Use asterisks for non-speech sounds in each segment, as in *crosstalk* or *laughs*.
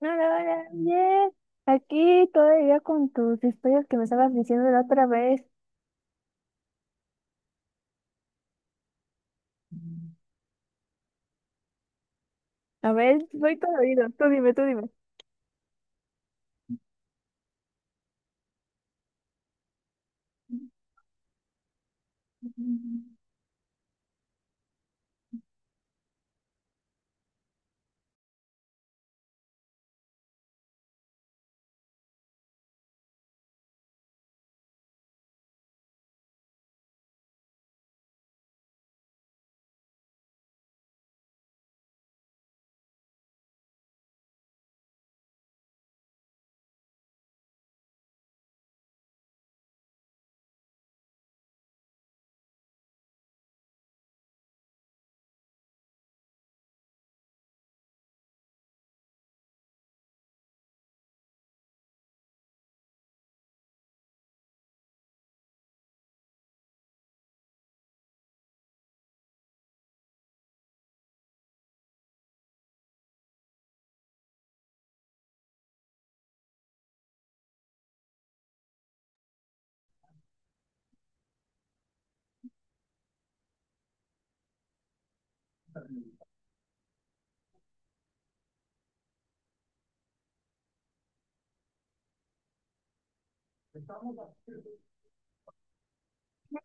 Hola, hola, bien. Aquí todavía con tus historias que me estabas diciendo la otra vez. A ver, soy todo oído. Tú dime, tú dime.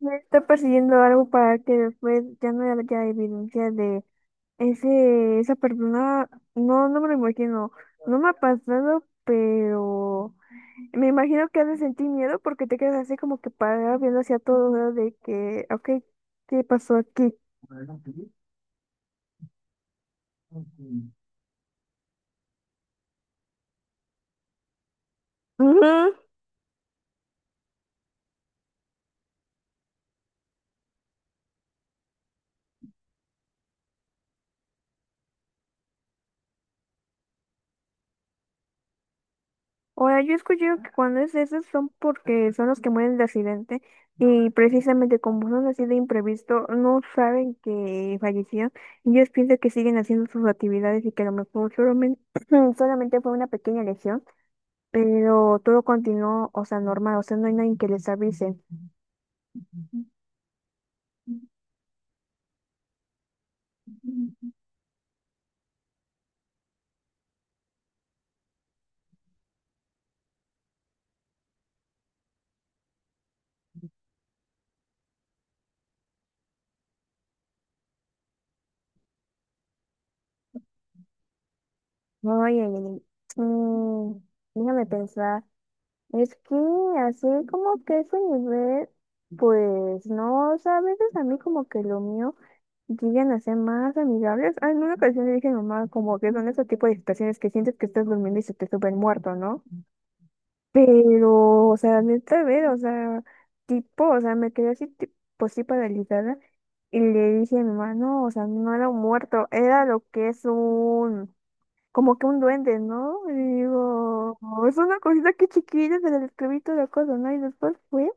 Me está persiguiendo algo para que después ya no haya evidencia de ese, esa persona. No, no me lo imagino. No me ha pasado, pero me imagino que has de sentir miedo porque te quedas así como que parado viendo hacia todos lados de que, ok, ¿qué pasó aquí? Ujú. Ahora, yo he escuchado que cuando es esos son porque son los que mueren de accidente y precisamente como son así de imprevisto, no saben que fallecieron y ellos piensan que siguen haciendo sus actividades y que a lo mejor solamente, *clears throat* solamente fue una pequeña lesión, pero todo continuó, o sea, normal, o sea, no hay nadie que les avise. Oye, déjame pensar, es que así como que ese nivel, pues no, o sea, a veces a mí como que lo mío. Llegan a ser más amigables. Ah, en una ocasión le dije a mi mamá como que son ese tipo de situaciones que sientes que estás durmiendo y se te sube el muerto, ¿no? Pero, o sea, neta, a ver, o sea, tipo, o sea, me quedé así, pues sí, paralizada. Y le dije a mi mamá, no, o sea, no era un muerto, era lo que es un, como que un duende, ¿no? Y digo, "Oh, es una cosita que chiquita, se le escribí toda la cosa, ¿no?" Y después fue,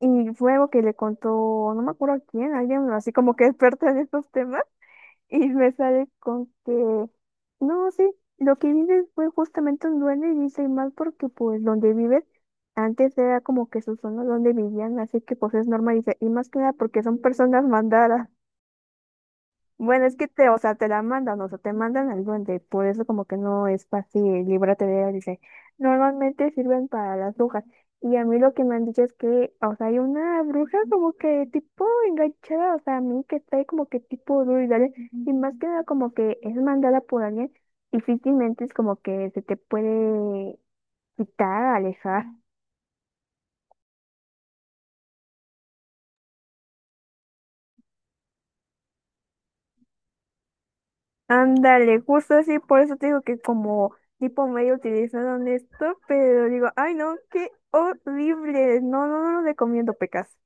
y fue algo que le contó, no me acuerdo a quién, alguien así como que experta en estos temas. Y me sale con que, no, sí, lo que vives fue justamente un duende y dice y más porque pues donde vives, antes era como que su zona donde vivían, así que pues es normal, dice, y más que nada porque son personas mandadas. Bueno, es que te, o sea, te la mandan, o sea, te mandan al duende, por eso como que no es fácil, líbrate de él, dice, normalmente sirven para las brujas. Y a mí lo que me han dicho es que, o sea, hay una bruja como que tipo enganchada, o sea, a mí que está ahí como que tipo duro y dale, y más que nada como que es mandada por alguien, difícilmente es como que se te puede quitar, alejar. Ándale, justo así, por eso te digo que como tipo medio utilizaron esto, pero digo, ay no, qué horrible, no, no, no lo recomiendo, pecas.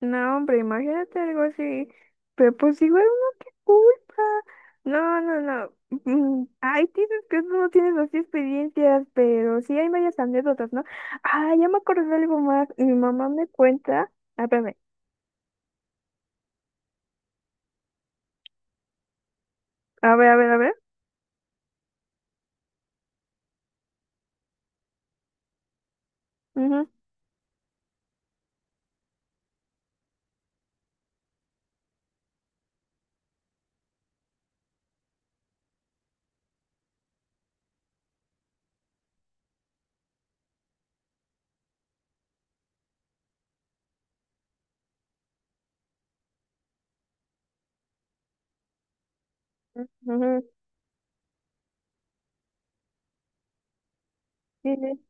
No, hombre, imagínate algo así. Pero pues igual uno qué culpa. No, no, no. Mm, hay dices que tú no tienes así experiencias, pero sí hay varias anécdotas, ¿no? Ah, ya me acordé de algo más. Mi mamá me cuenta. Ah, espérame. A ver, a ver, a ver. Ujú, ujú, sí, sí.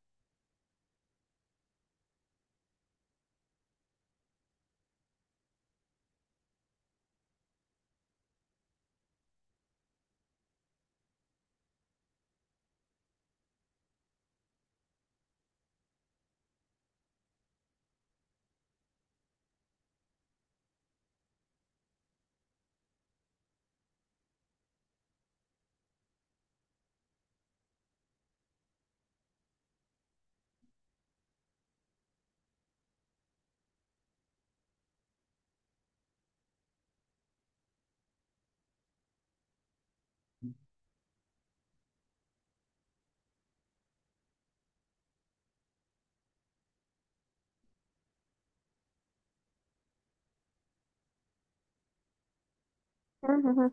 Ujú, ujú.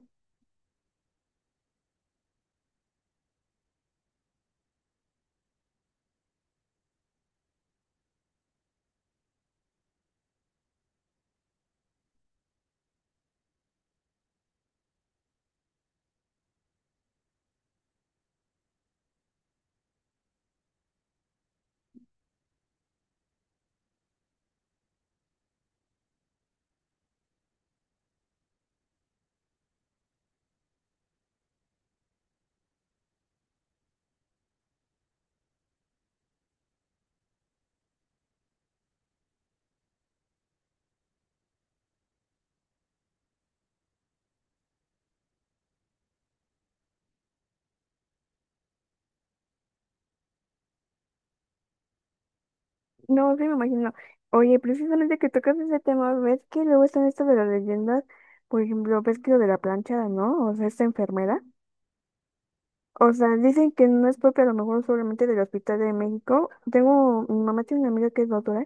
No, sí me imagino. Oye, precisamente que tocas ese tema, ves que luego están esto de las leyendas. Por ejemplo, ves que lo de la plancha, ¿no? O sea, esta enfermera. O sea, dicen que no es propia a lo mejor solamente del Hospital de México. Tengo, mi mamá tiene una amiga que es doctora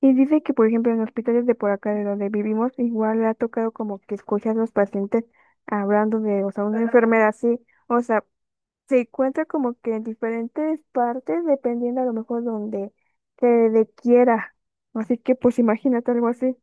y dice que, por ejemplo, en hospitales de por acá de donde vivimos, igual le ha tocado como que escuchar a los pacientes hablando de, o sea, una enfermedad así. O sea, se encuentra como que en diferentes partes dependiendo a lo mejor donde se le quiera. Así que, pues, imagínate algo así.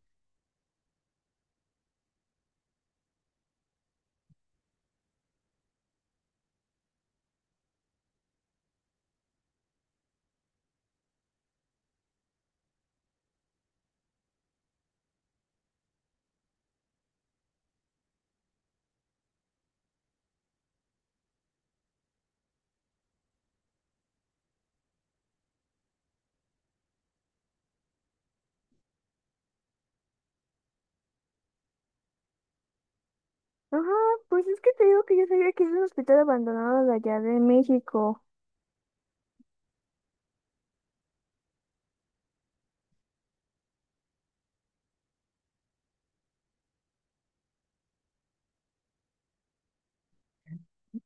Ajá, pues es que te digo que yo sabía que es un hospital abandonado de allá de México.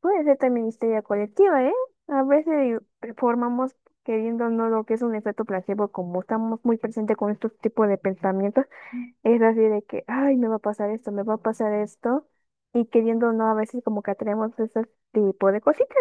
Puede ser también histeria colectiva, ¿eh? A veces formamos queriendo no lo que es un efecto placebo, como estamos muy presentes con estos tipos de pensamientos, es así de que, ay, me va a pasar esto, me va a pasar esto, y queriendo no a veces como que atraemos ese tipo de cositas.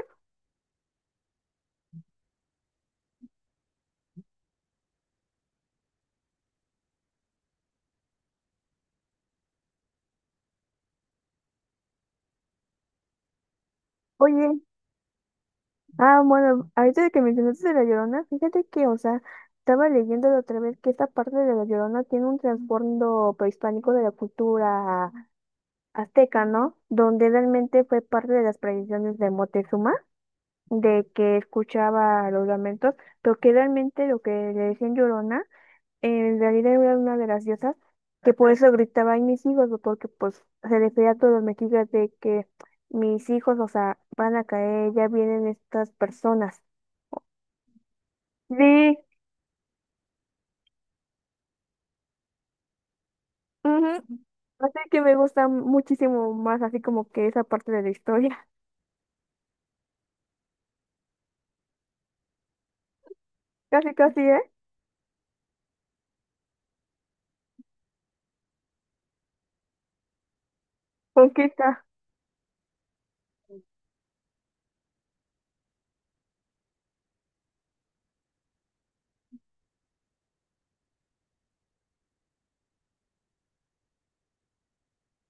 Oye, ah, bueno, ahorita de que mencionaste de La Llorona, fíjate que, o sea, estaba leyendo la otra vez que esta parte de La Llorona tiene un trasfondo prehispánico de la cultura azteca, ¿no? Donde realmente fue parte de las tradiciones de Moctezuma, de que escuchaba los lamentos, pero que realmente lo que le decían Llorona, en realidad era una de las diosas que por eso gritaba, ay, mis hijos, o porque pues se refería a todos los mexicas de que mis hijos, o sea, van a caer, ya vienen estas personas. Sí, ujú. Así que me gusta muchísimo más así como que esa parte de la historia. *laughs* Casi, casi, ¿eh? Conquista.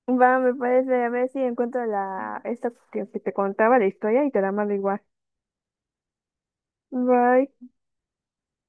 Va, me parece, a ver si encuentro la, esta que te contaba la historia y te la mando igual. Bye.